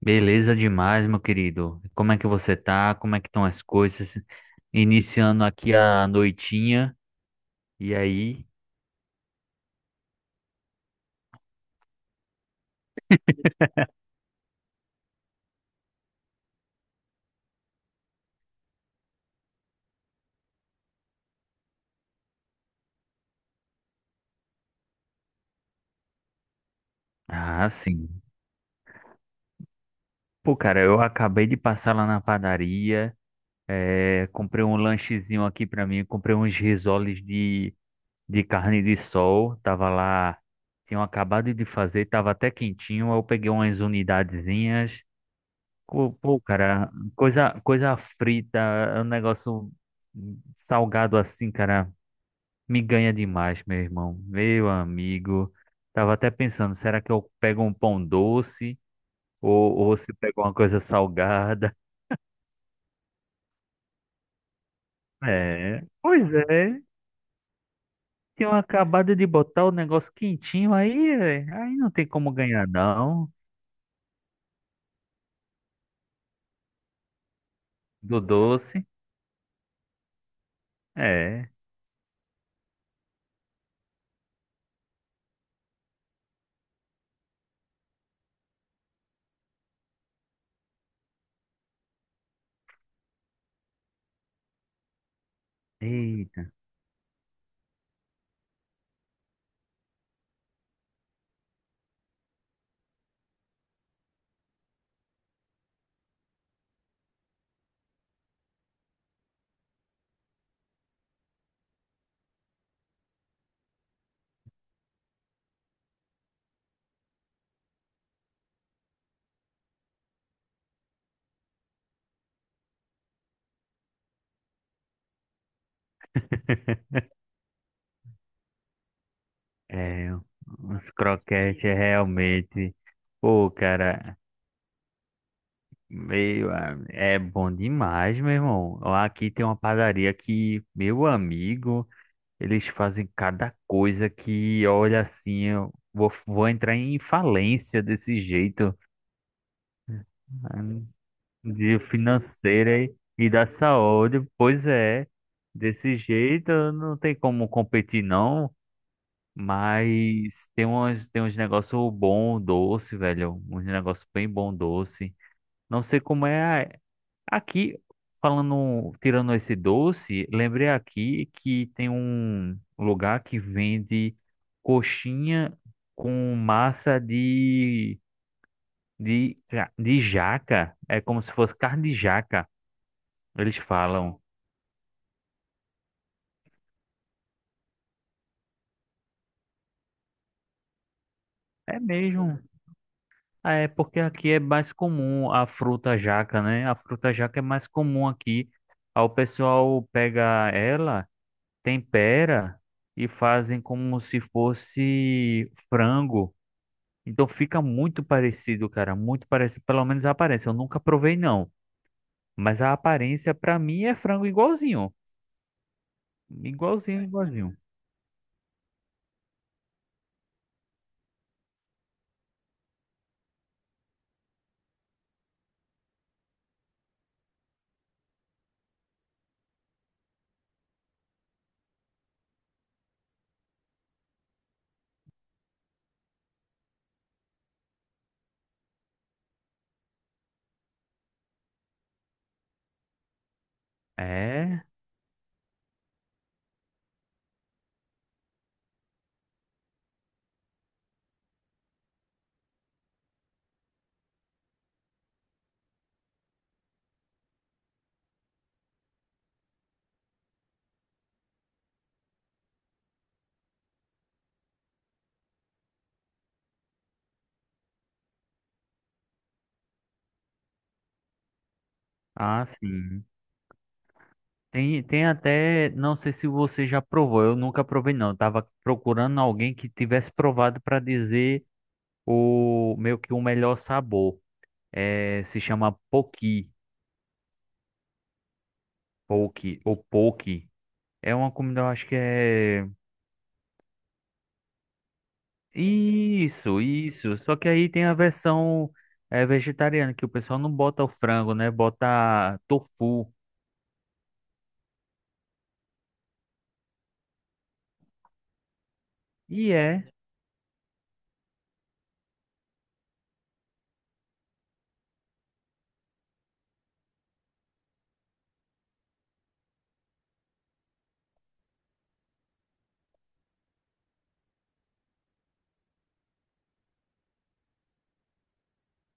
Beleza demais, meu querido. Como é que você tá? Como é que estão as coisas? Iniciando aqui a noitinha. E aí? Ah, sim. Pô, cara, eu acabei de passar lá na padaria. Comprei um lanchezinho aqui pra mim. Comprei uns risoles de carne de sol. Tava lá, tinham acabado de fazer, tava até quentinho. Aí eu peguei umas unidadezinhas. Pô, cara, coisa frita, é um negócio salgado assim, cara. Me ganha demais, meu irmão. Meu amigo. Tava até pensando, será que eu pego um pão doce ou se pego uma coisa salgada? É, pois é. Tinham acabado de botar o negócio quentinho aí, é, aí não tem como ganhar, não. Do doce. É. Eita, é. Uns croquetes é realmente. Pô, cara, é bom demais, meu irmão. Ó, aqui tem uma padaria que, meu amigo. Eles fazem cada coisa que, olha assim, eu vou, vou entrar em falência desse jeito, ah, de financeira e da saúde. Pois é, desse jeito não tem como competir, não. Mas tem uns negócios bom, doce, velho. Uns negócios bem bom, doce. Não sei como é, aqui, falando, tirando esse doce, lembrei aqui que tem um lugar que vende coxinha com massa de jaca. É como se fosse carne de jaca, eles falam. É mesmo. Ah, é porque aqui é mais comum a fruta jaca, né? A fruta jaca é mais comum aqui. Aí o pessoal pega ela, tempera e fazem como se fosse frango. Então fica muito parecido, cara, muito parecido, pelo menos a aparência. Eu nunca provei não, mas a aparência pra mim é frango igualzinho, igualzinho, igualzinho. É, ah, sim. Tem até, não sei se você já provou, eu nunca provei não. Eu tava procurando alguém que tivesse provado pra dizer o meio que o melhor sabor. É, se chama poki, poki ou poki. É uma comida, eu acho que é... Isso, isso. Só que aí tem a versão é, vegetariana, que o pessoal não bota o frango, né? Bota tofu. E é.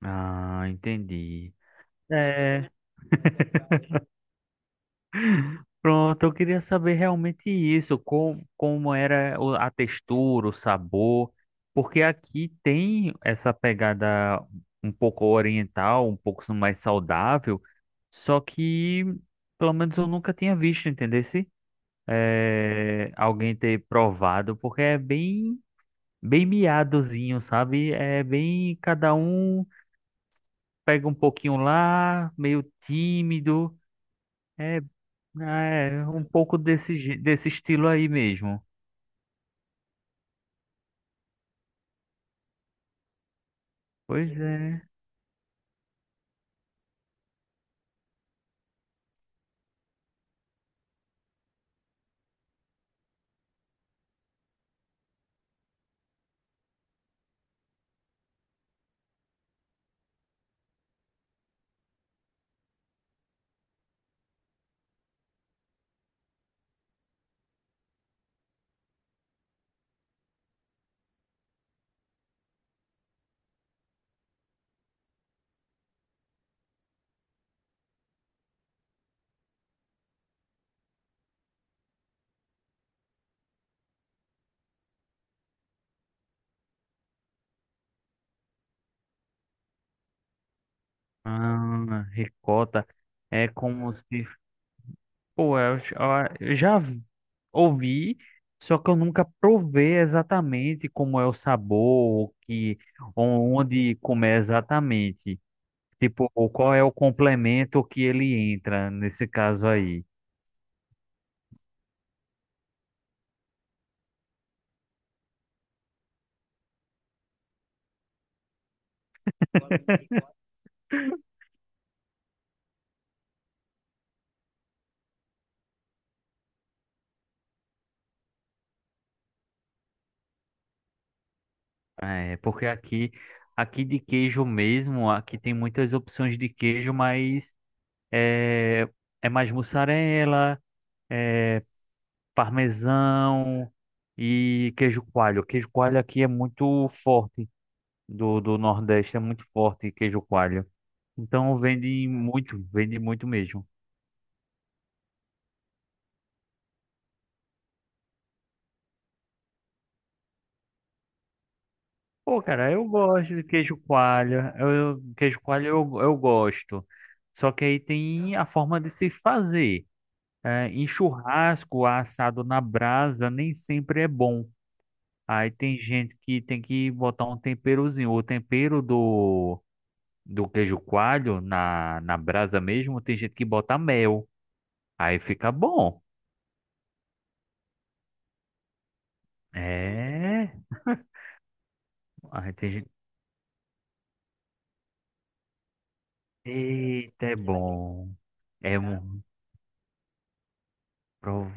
Ah, entendi. É, pronto, eu queria saber realmente isso, como, como era a textura, o sabor, porque aqui tem essa pegada um pouco oriental, um pouco mais saudável, só que pelo menos eu nunca tinha visto, entendeu? É, alguém ter provado, porque é bem, bem miadozinho, sabe? É bem, cada um pega um pouquinho lá, meio tímido, é, é um pouco desse, desse estilo aí mesmo. Pois é. Ah, ricota. É como se... Pô, eu, j- ah, eu já vi- ouvi, só que eu nunca provei exatamente como é o sabor, o que, onde comer exatamente. Tipo, qual é o complemento que ele entra nesse caso aí? É, porque aqui, aqui de queijo mesmo, aqui tem muitas opções de queijo, mas é, é mais mussarela, é parmesão e queijo coalho. Queijo coalho aqui é muito forte, do Nordeste é muito forte queijo coalho. Então vende muito mesmo. Pô, cara, eu gosto de queijo coalho. Eu, queijo coalho eu gosto. Só que aí tem a forma de se fazer. É, em churrasco, assado na brasa, nem sempre é bom. Aí tem gente que tem que botar um temperozinho. O tempero do, do queijo coalho na brasa mesmo, tem gente que bota mel. Aí fica bom. É. Aí tem gente. Eita, é bom. É um.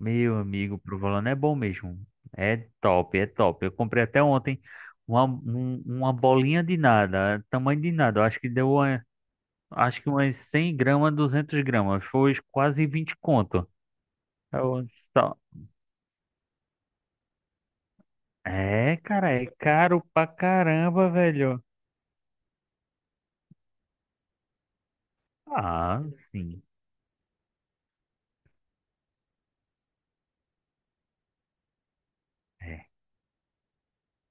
Meu amigo, provolone é bom mesmo. É top, é top. Eu comprei até ontem uma bolinha de nada, tamanho de nada. Eu acho que deu, acho que umas 100 gramas, 200 gramas. Foi quase 20 conto. Eu só- É, cara, é caro pra caramba, velho. Ah, sim. É.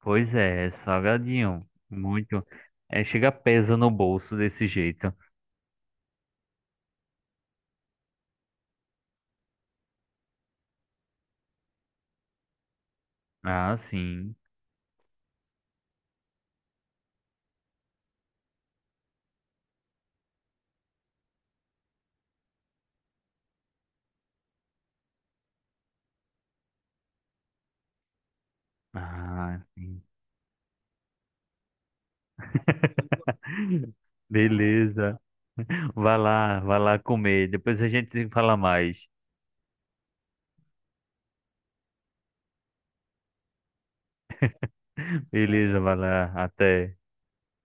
Pois é, é salgadinho. Muito. É, chega pesa no bolso desse jeito. Ah, sim. Ah, sim. Beleza. Vai lá comer. Depois a gente se fala mais. Beleza, vai lá. Até.